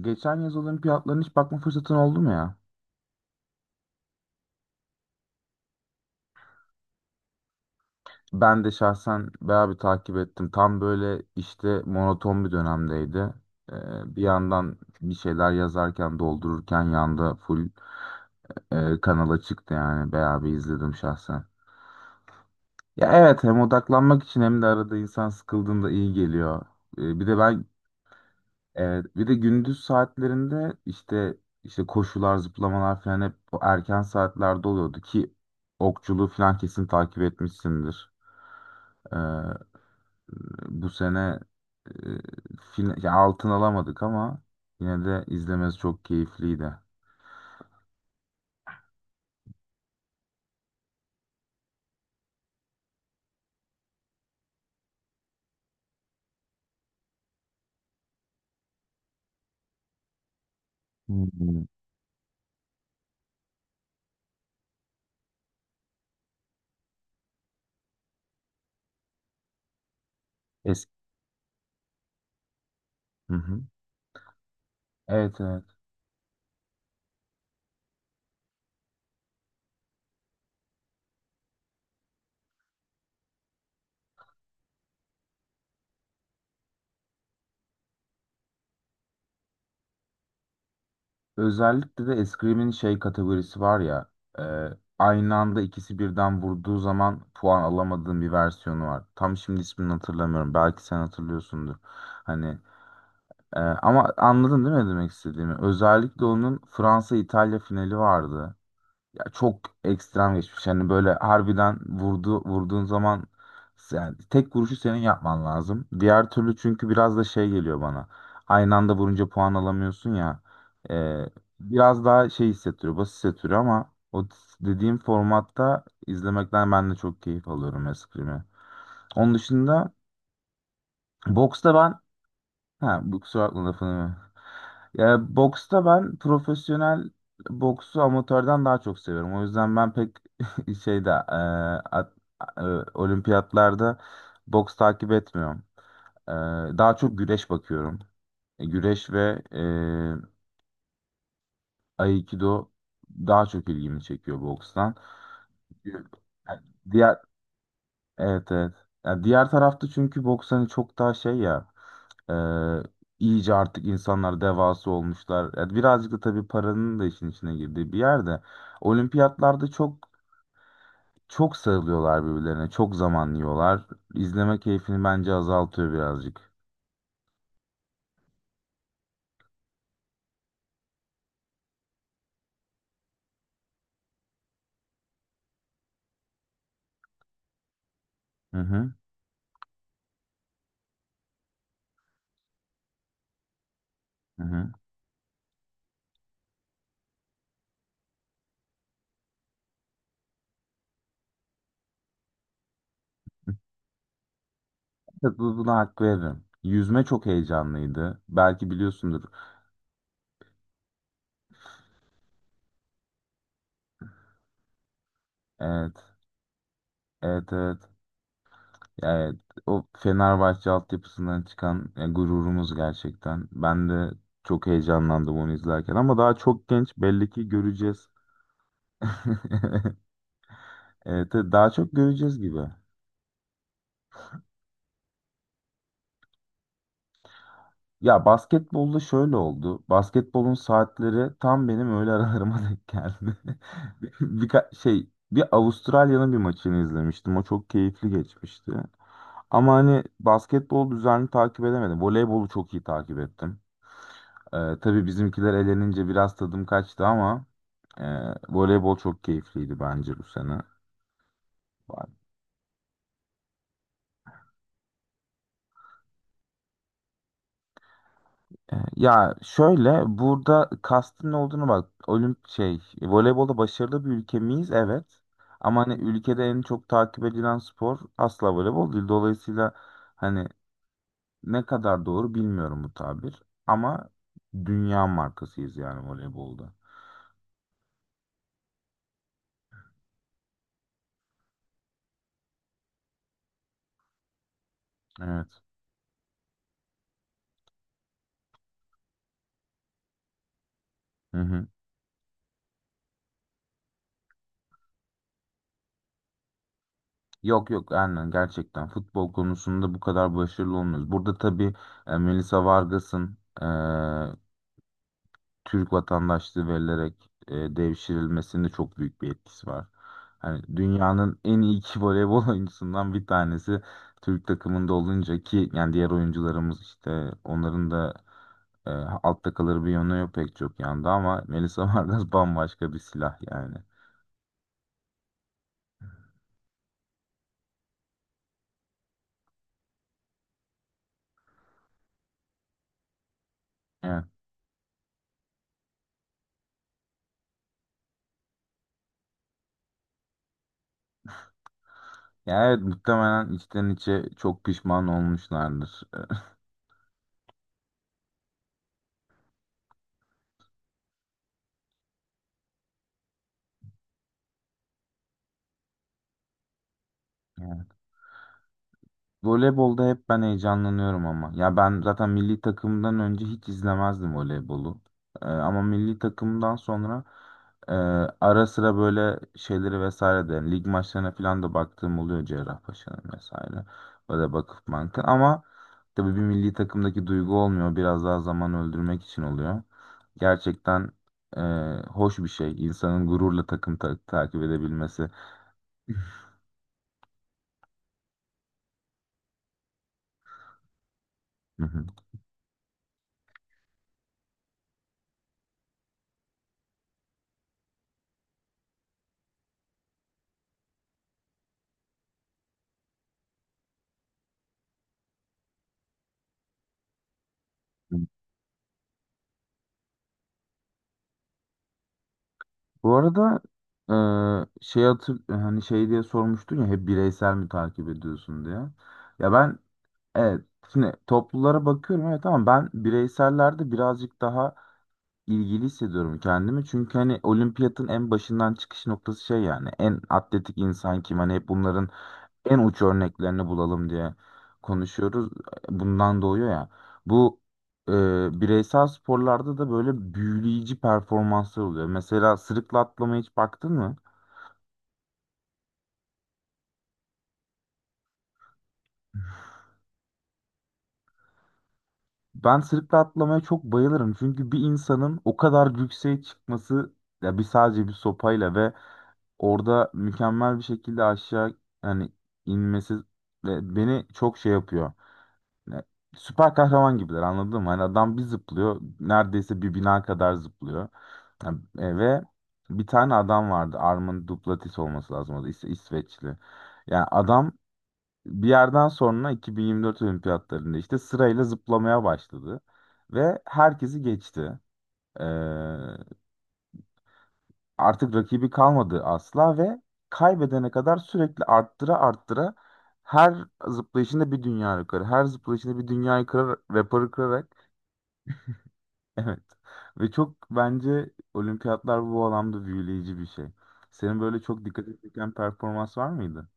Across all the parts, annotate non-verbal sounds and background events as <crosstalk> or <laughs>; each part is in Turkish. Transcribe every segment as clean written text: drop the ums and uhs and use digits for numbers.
Geçen yaz olimpiyatlarına hiç bakma fırsatın oldu mu ya? Ben de şahsen bayağı bir takip ettim. Tam böyle işte monoton bir dönemdeydi. Bir yandan bir şeyler yazarken, doldururken yanda full kanala çıktı yani. Bayağı bir izledim şahsen. Ya evet, hem odaklanmak için hem de arada insan sıkıldığında iyi geliyor. Bir de ben evet, bir de gündüz saatlerinde işte koşular, zıplamalar falan hep bu erken saatlerde oluyordu ki okçuluğu falan kesin takip etmişsindir. Ee, Bu sene, e, ya altın alamadık ama yine de izlemesi çok keyifliydi. Hmm. Es- Hı hı. Evet, evet. Özellikle de eskrimin şey kategorisi var ya, e, aynı anda ikisi birden vurduğu zaman puan alamadığım bir versiyonu var. Tam şimdi ismini hatırlamıyorum. Belki sen hatırlıyorsundur. Hani, ama anladın değil mi ne demek istediğimi? Özellikle onun Fransa-İtalya finali vardı. Ya çok ekstrem geçmiş. Yani böyle harbiden vurdu, vurduğun zaman yani tek vuruşu senin yapman lazım. Diğer türlü çünkü biraz da şey geliyor bana. Aynı anda vurunca puan alamıyorsun ya. Ee, Biraz daha şey hissettiriyor, basit hissettiriyor ama o dediğim formatta izlemekten ben de çok keyif alıyorum eskimi. Onun dışında boksta ben ha, bu kusura bakma lafını. Ya, boksta ben profesyonel boksu amatörden daha çok seviyorum. O yüzden ben pek <laughs> şeyde at- e, olimpiyatlarda boks takip etmiyorum. E, Daha çok güreş bakıyorum. Güreş ve Aikido daha çok ilgimi çekiyor bokstan. Çünkü yani diğer evet, evet. Yani diğer tarafta çünkü boks hani çok daha şey ya. Ee, iyice artık insanlar devası olmuşlar. Yani birazcık da tabii paranın da işin içine girdiği bir yerde. Olimpiyatlarda çok sarılıyorlar birbirlerine. Çok zaman yiyorlar. İzleme keyfini bence azaltıyor birazcık. Hı hı. Hı hı. Evet, buna hak veririm. Yüzme çok heyecanlıydı. Belki biliyorsundur. Evet. Evet, evet. Evet. O Fenerbahçe altyapısından çıkan gururumuz gerçekten. Ben de çok heyecanlandım onu izlerken, ama daha çok genç, belli ki göreceğiz. <laughs> Evet, evet, daha çok göreceğiz gibi. Ya basketbolda şöyle oldu. Basketbolun saatleri tam benim öğle <laughs> aralarıma denk geldi. <laughs> Bir Avustralya'nın bir maçını izlemiştim. O çok keyifli geçmişti. Ama hani basketbol düzenli takip edemedim. Voleybolu çok iyi takip ettim. Tabii bizimkiler elenince biraz tadım kaçtı ama e, voleybol çok keyifliydi bence bu sene. Ya şöyle, burada kastın ne olduğunu bak. Olimp şey voleybolda başarılı bir ülke miyiz? Evet. Ama hani ülkede en çok takip edilen spor asla voleybol değil. Dolayısıyla hani ne kadar doğru bilmiyorum bu tabir. Ama dünya markasıyız yani voleybolda. Evet. Hı hı. Yok yok, aynen, gerçekten futbol konusunda bu kadar başarılı olmuyoruz. Burada tabii Melissa Vargas'ın, Türk vatandaşlığı verilerek devşirilmesinde çok büyük bir etkisi var. Hani dünyanın en iyi iki voleybol <laughs> oyuncusundan bir tanesi Türk takımında olunca ki yani diğer oyuncularımız işte onların da e, altta kalır bir yönü yok pek çok yanda, ama Melisa Vargas <laughs> bambaşka bir silah yani. Evet. Yani evet, muhtemelen içten içe çok pişman olmuşlardır. <laughs> Voleybolda hep ben heyecanlanıyorum ama. Ya ben zaten milli takımdan önce hiç izlemezdim voleybolu. Ama milli takımdan sonra e, ara sıra böyle şeyleri vesaire de lig maçlarına falan da baktığım oluyor Cerrahpaşa'nın vesaire. Böyle bakıp bankın ama tabii bir milli takımdaki duygu olmuyor. Biraz daha zaman öldürmek için oluyor. Gerçekten e, hoş bir şey, insanın gururla takım takip edebilmesi. Hı hı. Bu arada şey hatır hani şey diye sormuştun ya hep bireysel mi takip ediyorsun diye. Ya ben evet, şimdi toplulara bakıyorum, evet, ama ben bireysellerde birazcık daha ilgili hissediyorum kendimi. Çünkü hani olimpiyatın en başından çıkış noktası şey, yani en atletik insan kim, hani hep bunların en uç örneklerini bulalım diye konuşuyoruz. Bundan doğuyor ya. Bu, e, bireysel sporlarda da böyle büyüleyici performanslar oluyor. Mesela sırıkla atlamaya hiç baktın mı? Ben sırıkla atlamaya çok bayılırım. Çünkü bir insanın o kadar yükseğe çıkması, ya bir, sadece bir sopayla ve orada mükemmel bir şekilde aşağı yani inmesi ve beni çok şey yapıyor. Ya, süper kahraman gibiler, anladın mı? Hani adam bir zıplıyor, neredeyse bir bina kadar zıplıyor. Ha, ve bir tane adam vardı. Armin Duplantis olması lazım. O da İsveçli. Yani adam bir yerden sonra 2024 olimpiyatlarında işte sırayla zıplamaya başladı. Ve herkesi geçti. Ee, Artık rakibi kalmadı asla ve kaybedene kadar sürekli arttıra arttıra her zıplayışında bir dünya rekoru, her zıplayışında bir dünya rekoru, rekoru kırarak evet. Ve çok bence olimpiyatlar bu alanda büyüleyici bir şey. Senin böyle çok dikkat çeken performans var mıydı?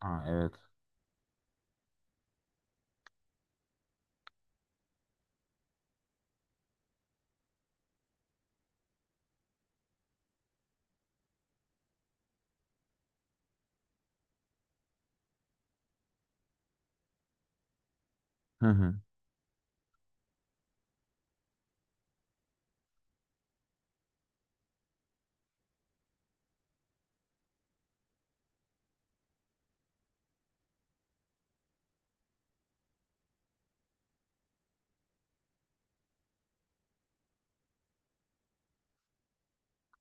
Aa, evet. Hı hı.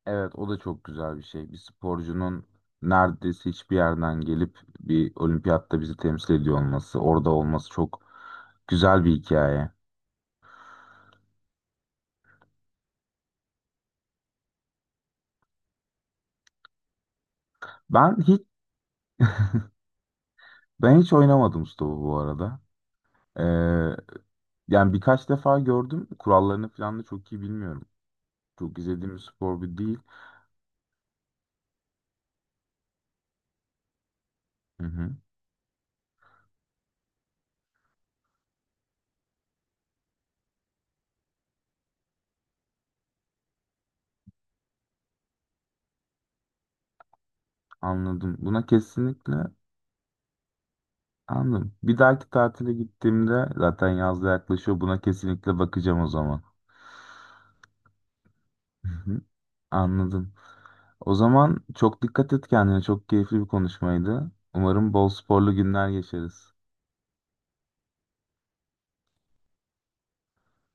Evet, o da çok güzel bir şey. Bir sporcunun neredeyse hiçbir yerden gelip bir olimpiyatta bizi temsil ediyor olması, orada olması çok güzel bir hikaye. Ben hiç Ben hiç oynamadım stopu bu arada. Ee, Yani birkaç defa gördüm. Kurallarını falan da çok iyi bilmiyorum. Çok izlediğim bir spor bir değil. Hı hı, anladım. Buna kesinlikle anladım. Bir dahaki tatile gittiğimde zaten yaz da yaklaşıyor. Buna kesinlikle bakacağım o zaman. Hı hı, anladım. O zaman çok dikkat et kendine. Çok keyifli bir konuşmaydı. Umarım bol sporlu günler geçeriz.